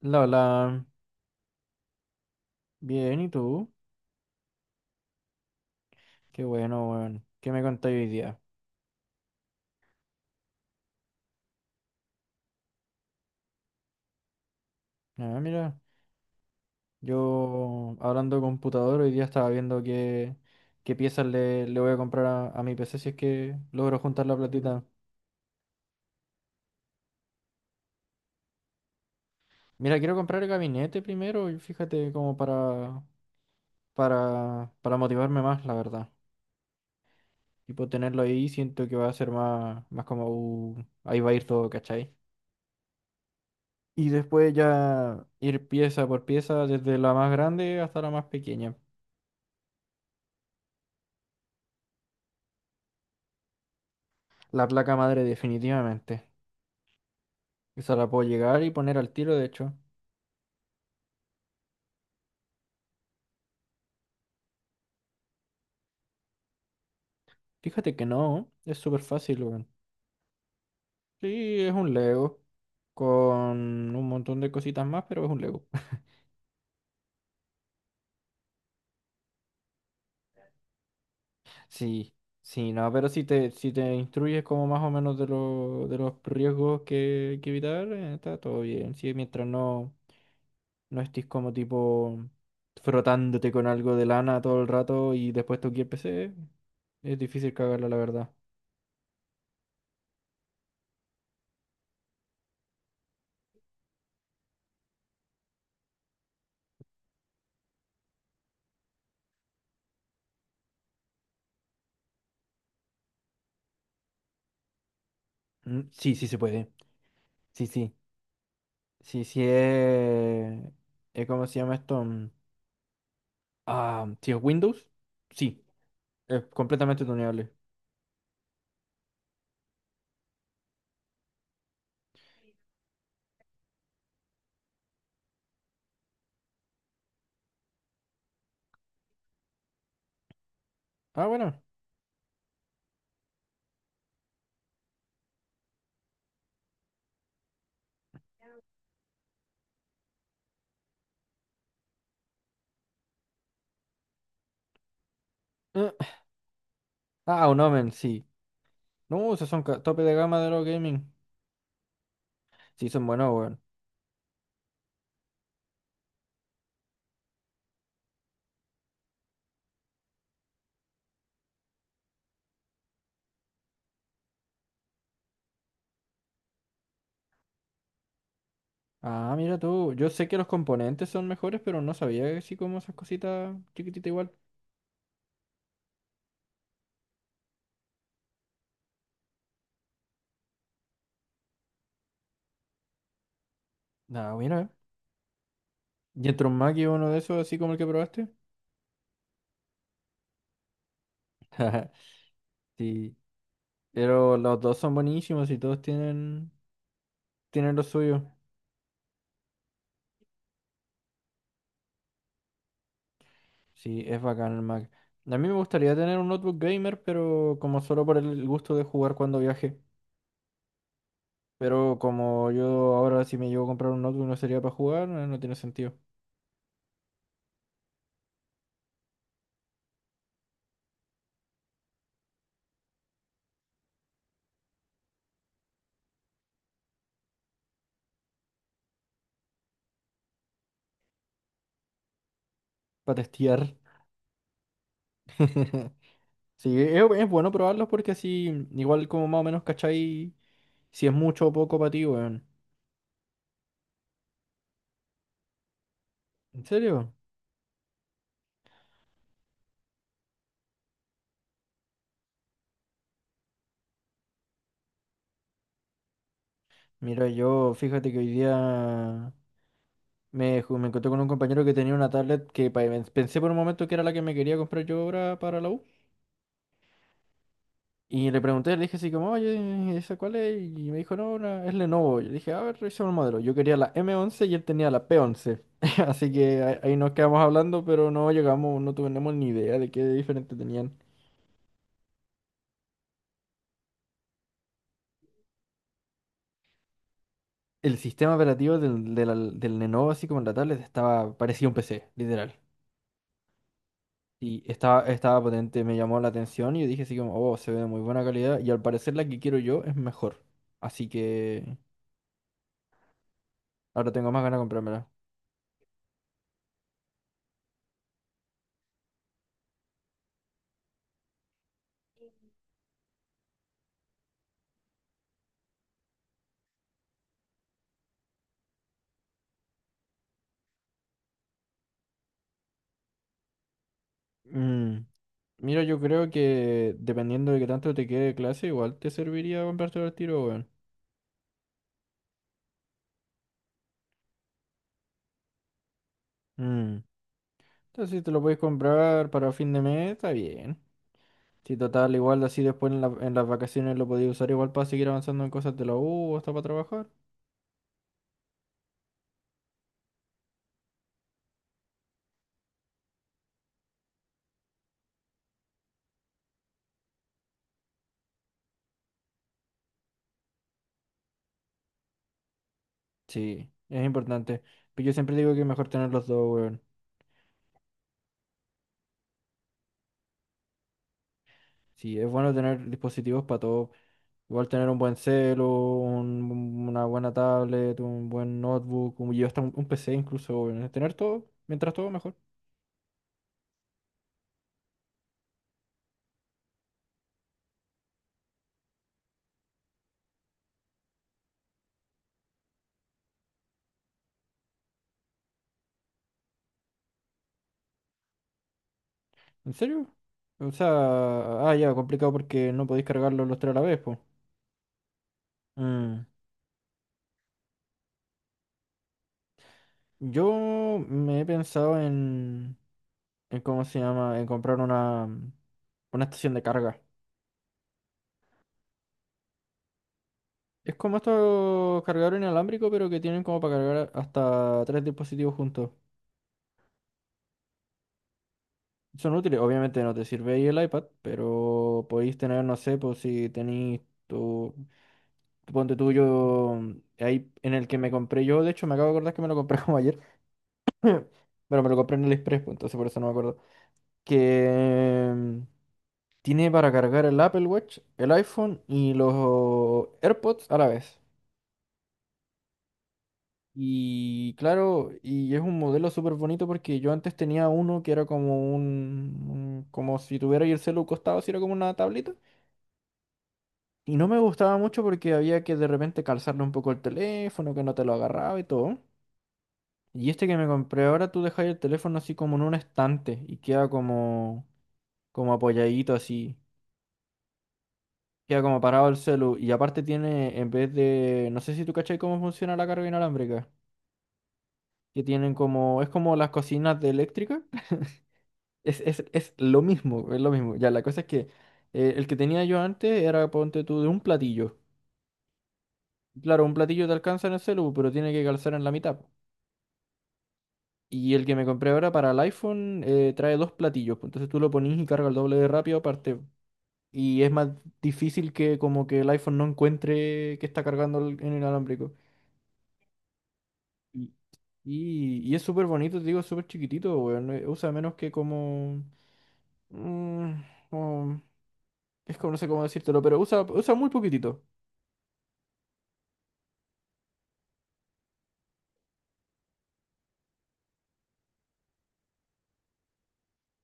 La, la, Bien, ¿y tú? Qué bueno, weón. ¿Qué me contáis hoy día? Ah, mira, yo hablando de computador, hoy día estaba viendo qué piezas le voy a comprar a mi PC si es que logro juntar la platita. Mira, quiero comprar el gabinete primero y fíjate como para motivarme más, la verdad. Y por tenerlo ahí siento que va a ser más como, ahí va a ir todo, ¿cachai? Y después ya ir pieza por pieza, desde la más grande hasta la más pequeña. La placa madre definitivamente. Esa la puedo llegar y poner al tiro, de hecho. Fíjate que no, es súper fácil, weón. Sí, es un Lego. Con un montón de cositas más, pero es un Lego. Sí, sí, no, pero si te instruyes como más o menos de los riesgos que hay que evitar, está todo bien. Sí, mientras no estés como tipo frotándote con algo de lana todo el rato y después toqué el PC, es difícil cagarla, la verdad. Mm. Sí, sí se puede. Sí, sí, sí, sí. ¿Cómo se llama esto? Ah, sí, es Windows. Sí, es completamente tuneable. Ah, bueno. Eh, Ah, un Omen, sí. No, esos son tope de gama de los gaming. Sí, son buenos, weón. Ah, mira tú. Yo sé que los componentes son mejores, pero no sabía que así como esas cositas chiquititas igual. Ah, mira. ¿Y entró un Mac y uno de esos, así como el que probaste? Sí, pero los dos son buenísimos y todos tienen lo suyo. Sí, es bacán el Mac. A mí me gustaría tener un notebook gamer, pero como solo por el gusto de jugar cuando viaje. Pero como yo ahora si me llevo a comprar un notebook no sería para jugar, no, no tiene sentido. Para testear. Sí, es bueno probarlos porque así, igual como más o menos cachai si es mucho o poco para ti, weón. ¿En serio? Mira, yo fíjate que hoy día me encontré con un compañero que tenía una tablet que pensé por un momento que era la que me quería comprar yo ahora para la U. Y le pregunté, le dije así como, oye, ¿esa cuál es? Y me dijo, no, es Lenovo. Yo le dije, a ver, revisemos el modelo. Yo quería la M11 y él tenía la P11. Así que ahí nos quedamos hablando, pero no llegamos, no tuvimos ni idea de qué diferente tenían. El sistema operativo del Lenovo, así como en la tablet, estaba, parecía un PC, literal. Y estaba potente, me llamó la atención y yo dije así como, oh, se ve de muy buena calidad y al parecer la que quiero yo es mejor. Así que ahora tengo más ganas de comprármela. Mm, Mira, yo creo que dependiendo de qué tanto te quede de clase, igual te serviría comprarte al tiro, weón. Mm. Entonces, si te lo puedes comprar para fin de mes, está bien. Si total, igual así después en las vacaciones lo podías usar igual para seguir avanzando en cosas de la U o hasta para trabajar. Sí, es importante. Pero yo siempre digo que es mejor tener los dos, weón. Sí, es bueno tener dispositivos para todo. Igual tener un buen celo, una buena tablet, un buen notebook, y hasta un PC incluso, weón. Tener todo, mientras todo mejor. ¿En serio? O sea, ah, ya, complicado porque no podéis cargarlo los tres a la vez, pues. Mm. Yo me he pensado en, ¿cómo se llama? En comprar una estación de carga. Es como estos cargadores inalámbricos, pero que tienen como para cargar hasta tres dispositivos juntos. Son útiles, obviamente no te sirve ahí el iPad, pero podéis tener, no sé, pues si tenéis tu, ponte tuyo ahí en el que me compré yo, de hecho me acabo de acordar que me lo compré como ayer, pero me lo compré en el Express, pues entonces por eso no me acuerdo, que tiene para cargar el Apple Watch, el iPhone y los AirPods a la vez. Y claro, y es un modelo súper bonito porque yo antes tenía uno que era como un como si tuviera ahí el celu costado, si era como una tablita. Y no me gustaba mucho porque había que de repente calzarle un poco el teléfono, que no te lo agarraba y todo. Y este que me compré ahora, tú dejas el teléfono así como en un estante y queda como apoyadito así. Queda como parado el celu. Y aparte tiene, en vez de, no sé si tú cachai cómo funciona la carga inalámbrica. Que tienen como, es como las cocinas de eléctrica. Es lo mismo, es lo mismo. Ya, la cosa es que el que tenía yo antes era, ponte tú, de un platillo. Claro, un platillo te alcanza en el celu, pero tiene que calzar en la mitad. Y el que me compré ahora para el iPhone trae dos platillos, pues, entonces tú lo ponís y carga el doble de rápido aparte. Y es más difícil que como que el iPhone no encuentre que está cargando en el inalámbrico. Y, y es súper bonito, te digo, es súper chiquitito, weón. Usa menos que como mm, como- es como, no sé cómo decírtelo, pero usa muy poquitito.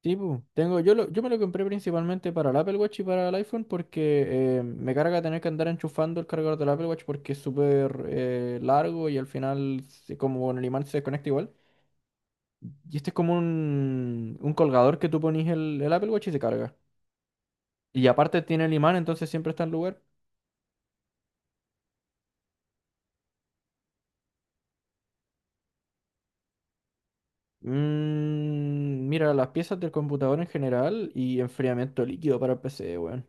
Sí, pu, tengo, yo me lo compré principalmente para el Apple Watch y para el iPhone porque me carga tener que andar enchufando el cargador del Apple Watch porque es súper largo y al final como con el imán se desconecta igual. Y este es como un colgador que tú ponís el Apple Watch y se carga. Y aparte tiene el imán, entonces siempre está en lugar. Mira, las piezas del computador en general y enfriamiento líquido para el PC, weón.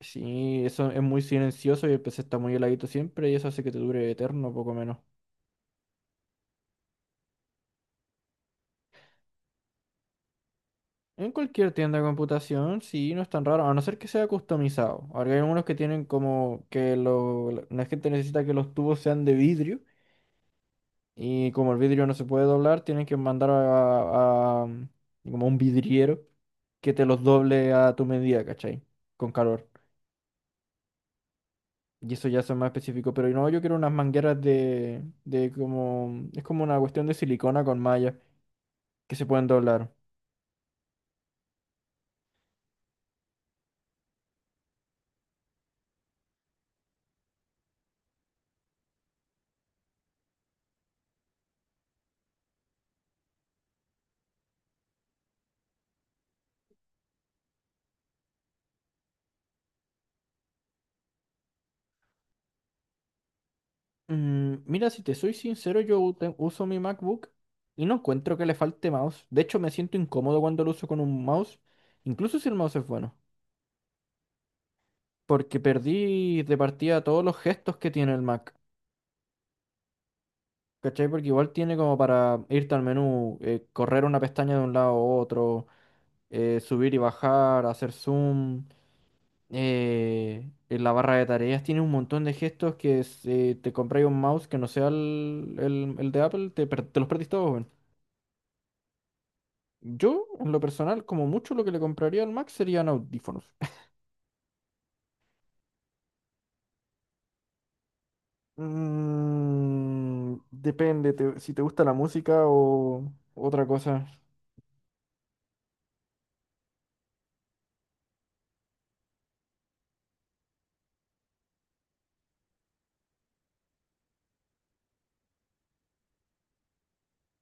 Sí, eso es muy silencioso y el PC está muy heladito siempre y eso hace que te dure eterno, poco menos. En cualquier tienda de computación, sí, no es tan raro, a no ser que sea customizado. Ahora hay algunos que tienen como que lo, la la gente necesita que los tubos sean de vidrio y como el vidrio no se puede doblar, tienen que mandar como un vidriero que te los doble a tu medida, ¿cachai? Con calor. Y eso ya son más específico, pero no, yo quiero unas mangueras de como, es como una cuestión de silicona con malla que se pueden doblar. Mira, si te soy sincero, yo uso mi MacBook y no encuentro que le falte mouse. De hecho, me siento incómodo cuando lo uso con un mouse, incluso si el mouse es bueno. Porque perdí de partida todos los gestos que tiene el Mac. ¿Cachai? Porque igual tiene como para irte al menú, correr una pestaña de un lado a otro, subir y bajar, hacer zoom. En la barra de tareas tiene un montón de gestos que si te compráis un mouse que no sea el de Apple, te los perdís todos, weón. Yo, en lo personal, como mucho lo que le compraría al Max serían audífonos. Depende si te gusta la música o otra cosa.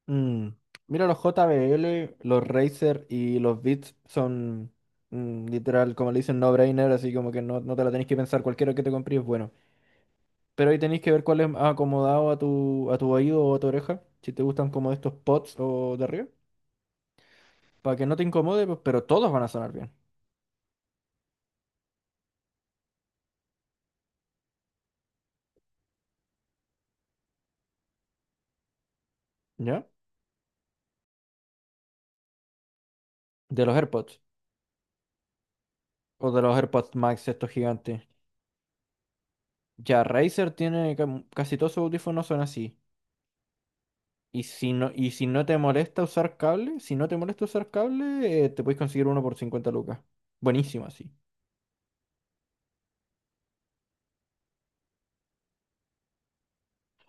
Mm, Mira, los JBL, los Razer y los Beats son literal, como le dicen, no-brainer, así como que no te la tenés que pensar, cualquiera que te compres es bueno. Pero ahí tenés que ver cuál es más acomodado a tu oído o a tu oreja, si te gustan como estos pods o de arriba, para que no te incomode, pues, pero todos van a sonar bien, ¿ya? De los AirPods. O de los AirPods Max, estos gigantes. Ya Razer tiene casi todos sus audífonos son así. Y si no te molesta usar cable, te puedes conseguir uno por 50 lucas. Buenísimo así.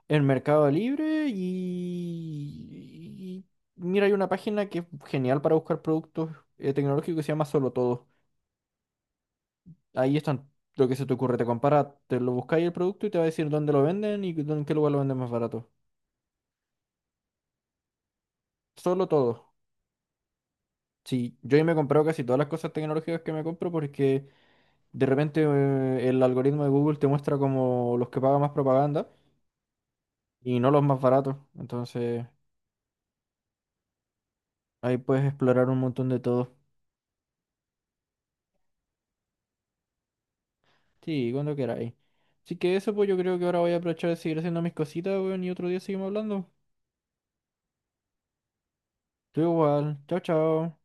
En Mercado Libre. Mira, hay una página que es genial para buscar productos tecnológicos que se llama Solo Todo. Ahí están lo que se te ocurre. Te compara, te lo buscáis el producto y te va a decir dónde lo venden y en qué lugar lo venden más barato. Solo Todo. Sí, yo ya me he comprado casi todas las cosas tecnológicas que me compro porque de repente el algoritmo de Google te muestra como los que pagan más propaganda y no los más baratos. Entonces ahí puedes explorar un montón de todo. Sí, cuando queráis. Así que eso pues yo creo que ahora voy a aprovechar de seguir haciendo mis cositas, weón, y otro día seguimos hablando. Tú igual. Chao, chao.